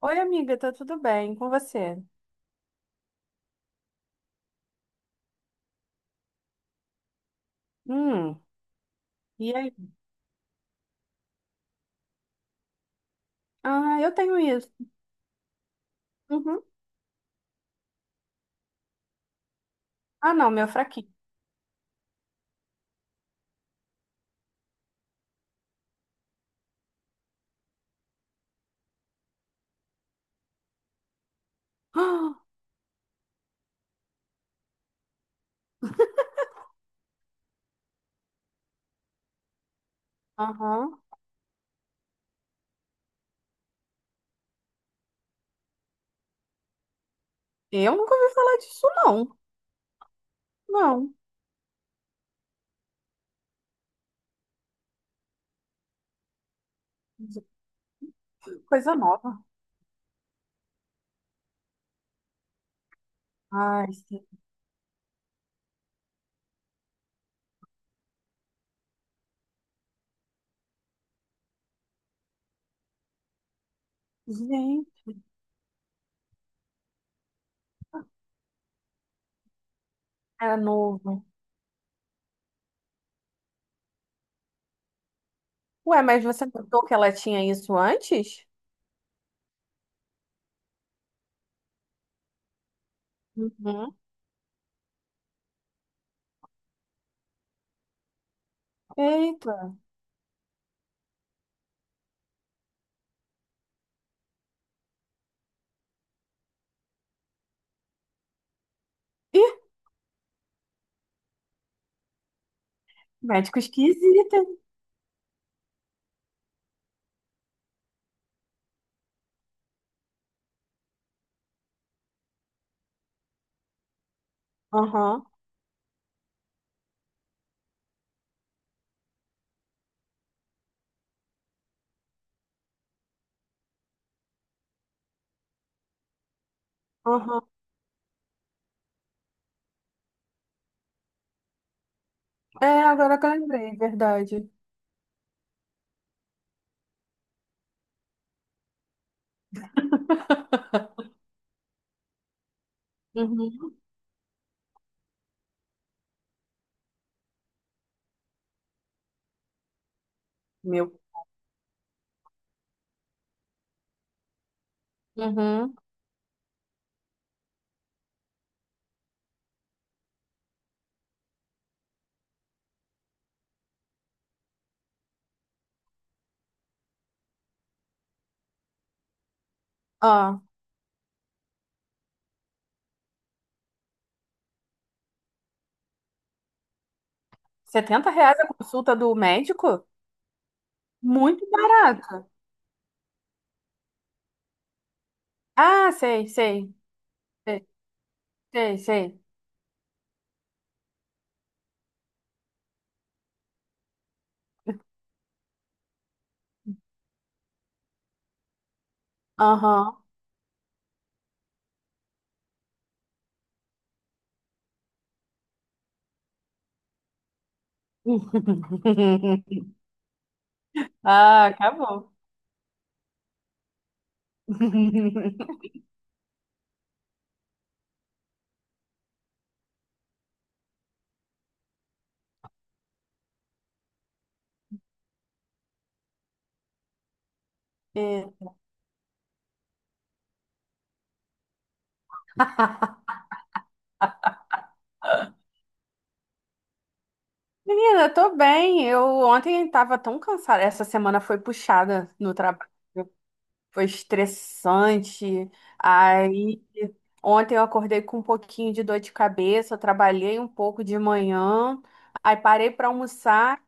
Oi, amiga, tá tudo bem com você? Hum, e aí? Ah, eu tenho isso. Uhum. Ah, não, meu fraquinho. Ah. Aham. Eu nunca ouvi falar disso, não. Não. Coisa nova. Ai, sim. Gente, é novo. Ué, mas você notou que ela tinha isso antes? Uhum. Eita. Ih, médico esquisito, hein? Aham, aham. É, agora que eu lembrei, verdade. Uhum. Meu. Uhum. Ah. R$ 70 a consulta do médico? Muito barato. Ah, sei, sei, sei, sei, sei. Aham. Ah, acabou. É. Menina, eu tô bem. Eu ontem tava tão cansada. Essa semana foi puxada no trabalho. Foi estressante. Aí ontem eu acordei com um pouquinho de dor de cabeça. Eu trabalhei um pouco de manhã. Aí parei pra almoçar.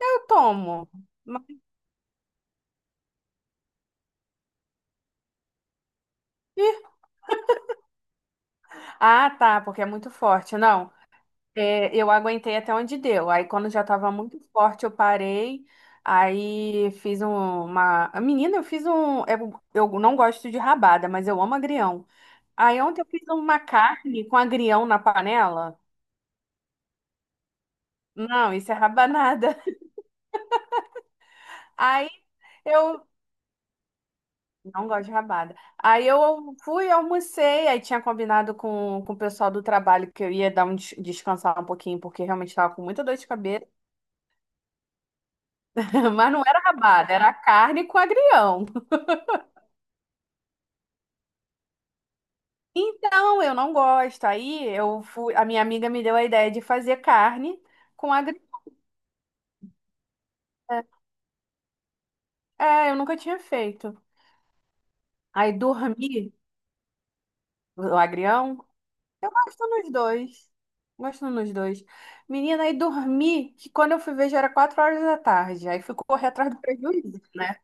Eu tomo. Mas, e. Ah, tá, porque é muito forte. Não, é, eu aguentei até onde deu. Aí, quando já tava muito forte, eu parei. Aí, fiz uma. Menina, eu fiz um. É, eu não gosto de rabada, mas eu amo agrião. Aí, ontem, eu fiz uma carne com agrião na panela. Não, isso é rabanada. Aí, eu. Não gosto de rabada. Aí, eu fui, almocei. Aí, tinha combinado com o pessoal do trabalho que eu ia dar um descansar um pouquinho, porque realmente tava com muita dor de cabeça. Mas não era rabada, era carne com agrião. Então, eu não gosto. Aí eu fui, a minha amiga me deu a ideia de fazer carne com agrião. É, eu nunca tinha feito. Aí dormi, o agrião. Eu gosto nos dois. Gosto nos dois. Menina, aí dormi, que quando eu fui ver já era 4 horas da tarde. Aí fui correr atrás do prejuízo, né?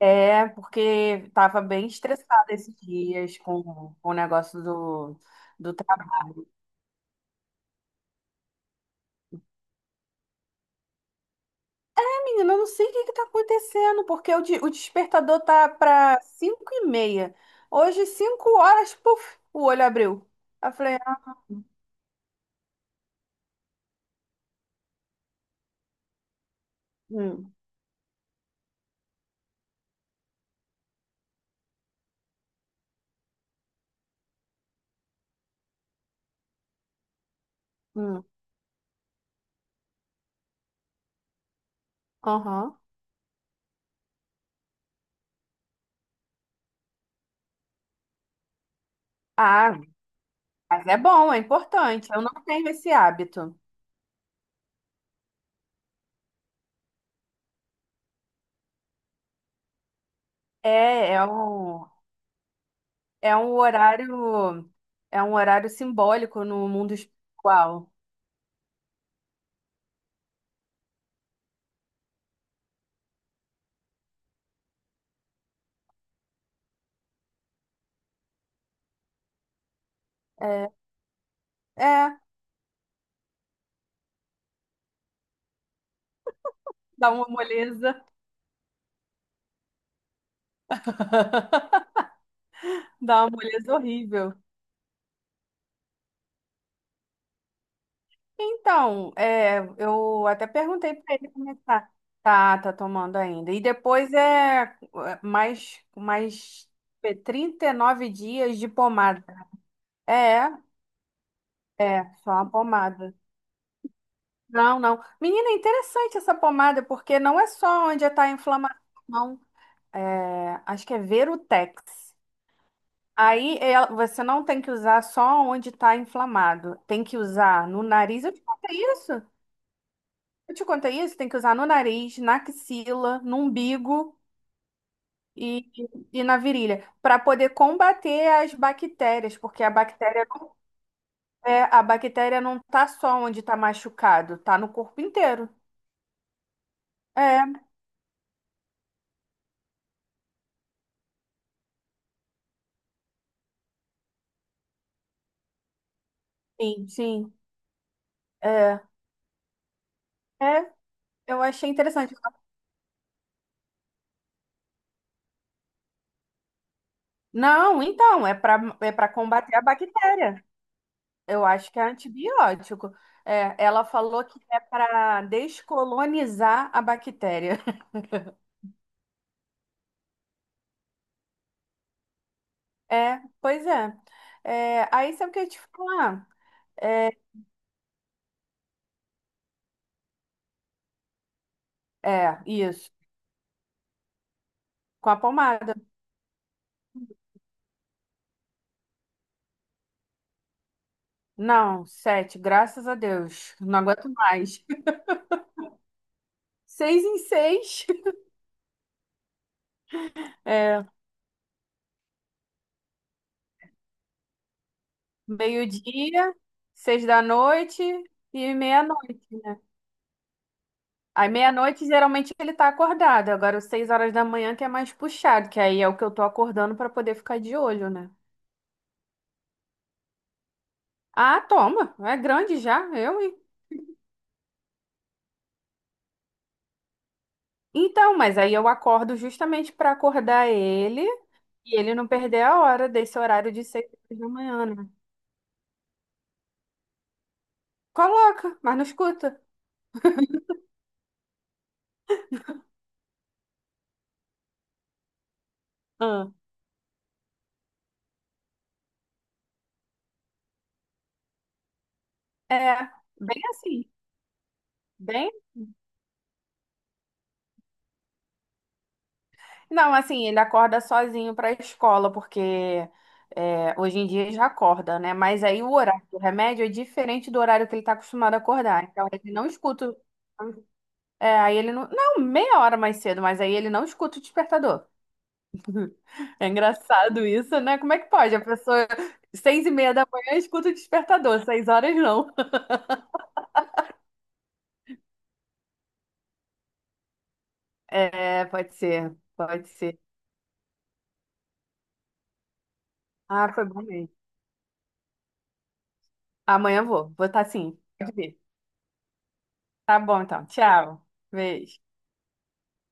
É, porque tava bem estressada esses dias com o negócio do. Menina, eu não sei o que está acontecendo, porque o despertador tá para 5h30. Hoje, 5h, puf, o olho abriu. Aí eu falei, ah, hum, hum, aham. Ah, mas é bom, é importante. Eu não tenho esse hábito. É, é um, é um horário, é um horário simbólico no mundo espiritual. É, é, dá uma moleza, dá uma moleza horrível. Então, é, eu até perguntei para ele como é que tá. Tá tomando ainda. E depois mais 39 dias de pomada. É, é, só uma pomada. Não, não. Menina, é interessante essa pomada, porque não é só onde está a inflamação, não. É, acho que é Verutex. Aí você não tem que usar só onde está inflamado. Tem que usar no nariz. Eu te contei isso? Eu te contei isso, tem que usar no nariz, na axila, no umbigo e, e na virilha, para poder combater as bactérias, porque a bactéria não é, a bactéria não tá só onde tá machucado, tá no corpo inteiro. É, sim, sim, é, é, eu achei interessante. Não, então, é para combater a bactéria. Eu acho que é antibiótico. É, ela falou que é para descolonizar a bactéria. É, pois é. É, aí sabe o que eu ia te falar? É, é, isso. Com a pomada. Não, sete, graças a Deus. Não aguento mais. 6 em 6. É, meio-dia, 6 da noite e meia-noite, né? Aí meia-noite geralmente ele tá acordado. Agora, às 6 horas da manhã que é mais puxado, que aí é o que eu tô acordando pra poder ficar de olho, né? Ah, toma. É grande já, eu, hein? Então, mas aí eu acordo justamente pra acordar ele e ele não perder a hora desse horário de 6 horas da manhã, né? Coloca, mas não escuta. Ah. É, bem assim, bem. Não, assim, ele acorda sozinho para a escola, porque é, hoje em dia já acorda, né? Mas aí o horário do remédio é diferente do horário que ele está acostumado a acordar. Então ele não escuta. É, aí ele não. Não, meia hora mais cedo, mas aí ele não escuta o despertador. É engraçado isso, né? Como é que pode? A pessoa, 6h30 da manhã, escuta o despertador, 6 horas não. É, pode ser, pode ser. Ah, foi bom mesmo. Amanhã eu vou estar sim. Pode ver. Tá bom, então. Tchau. Beijo.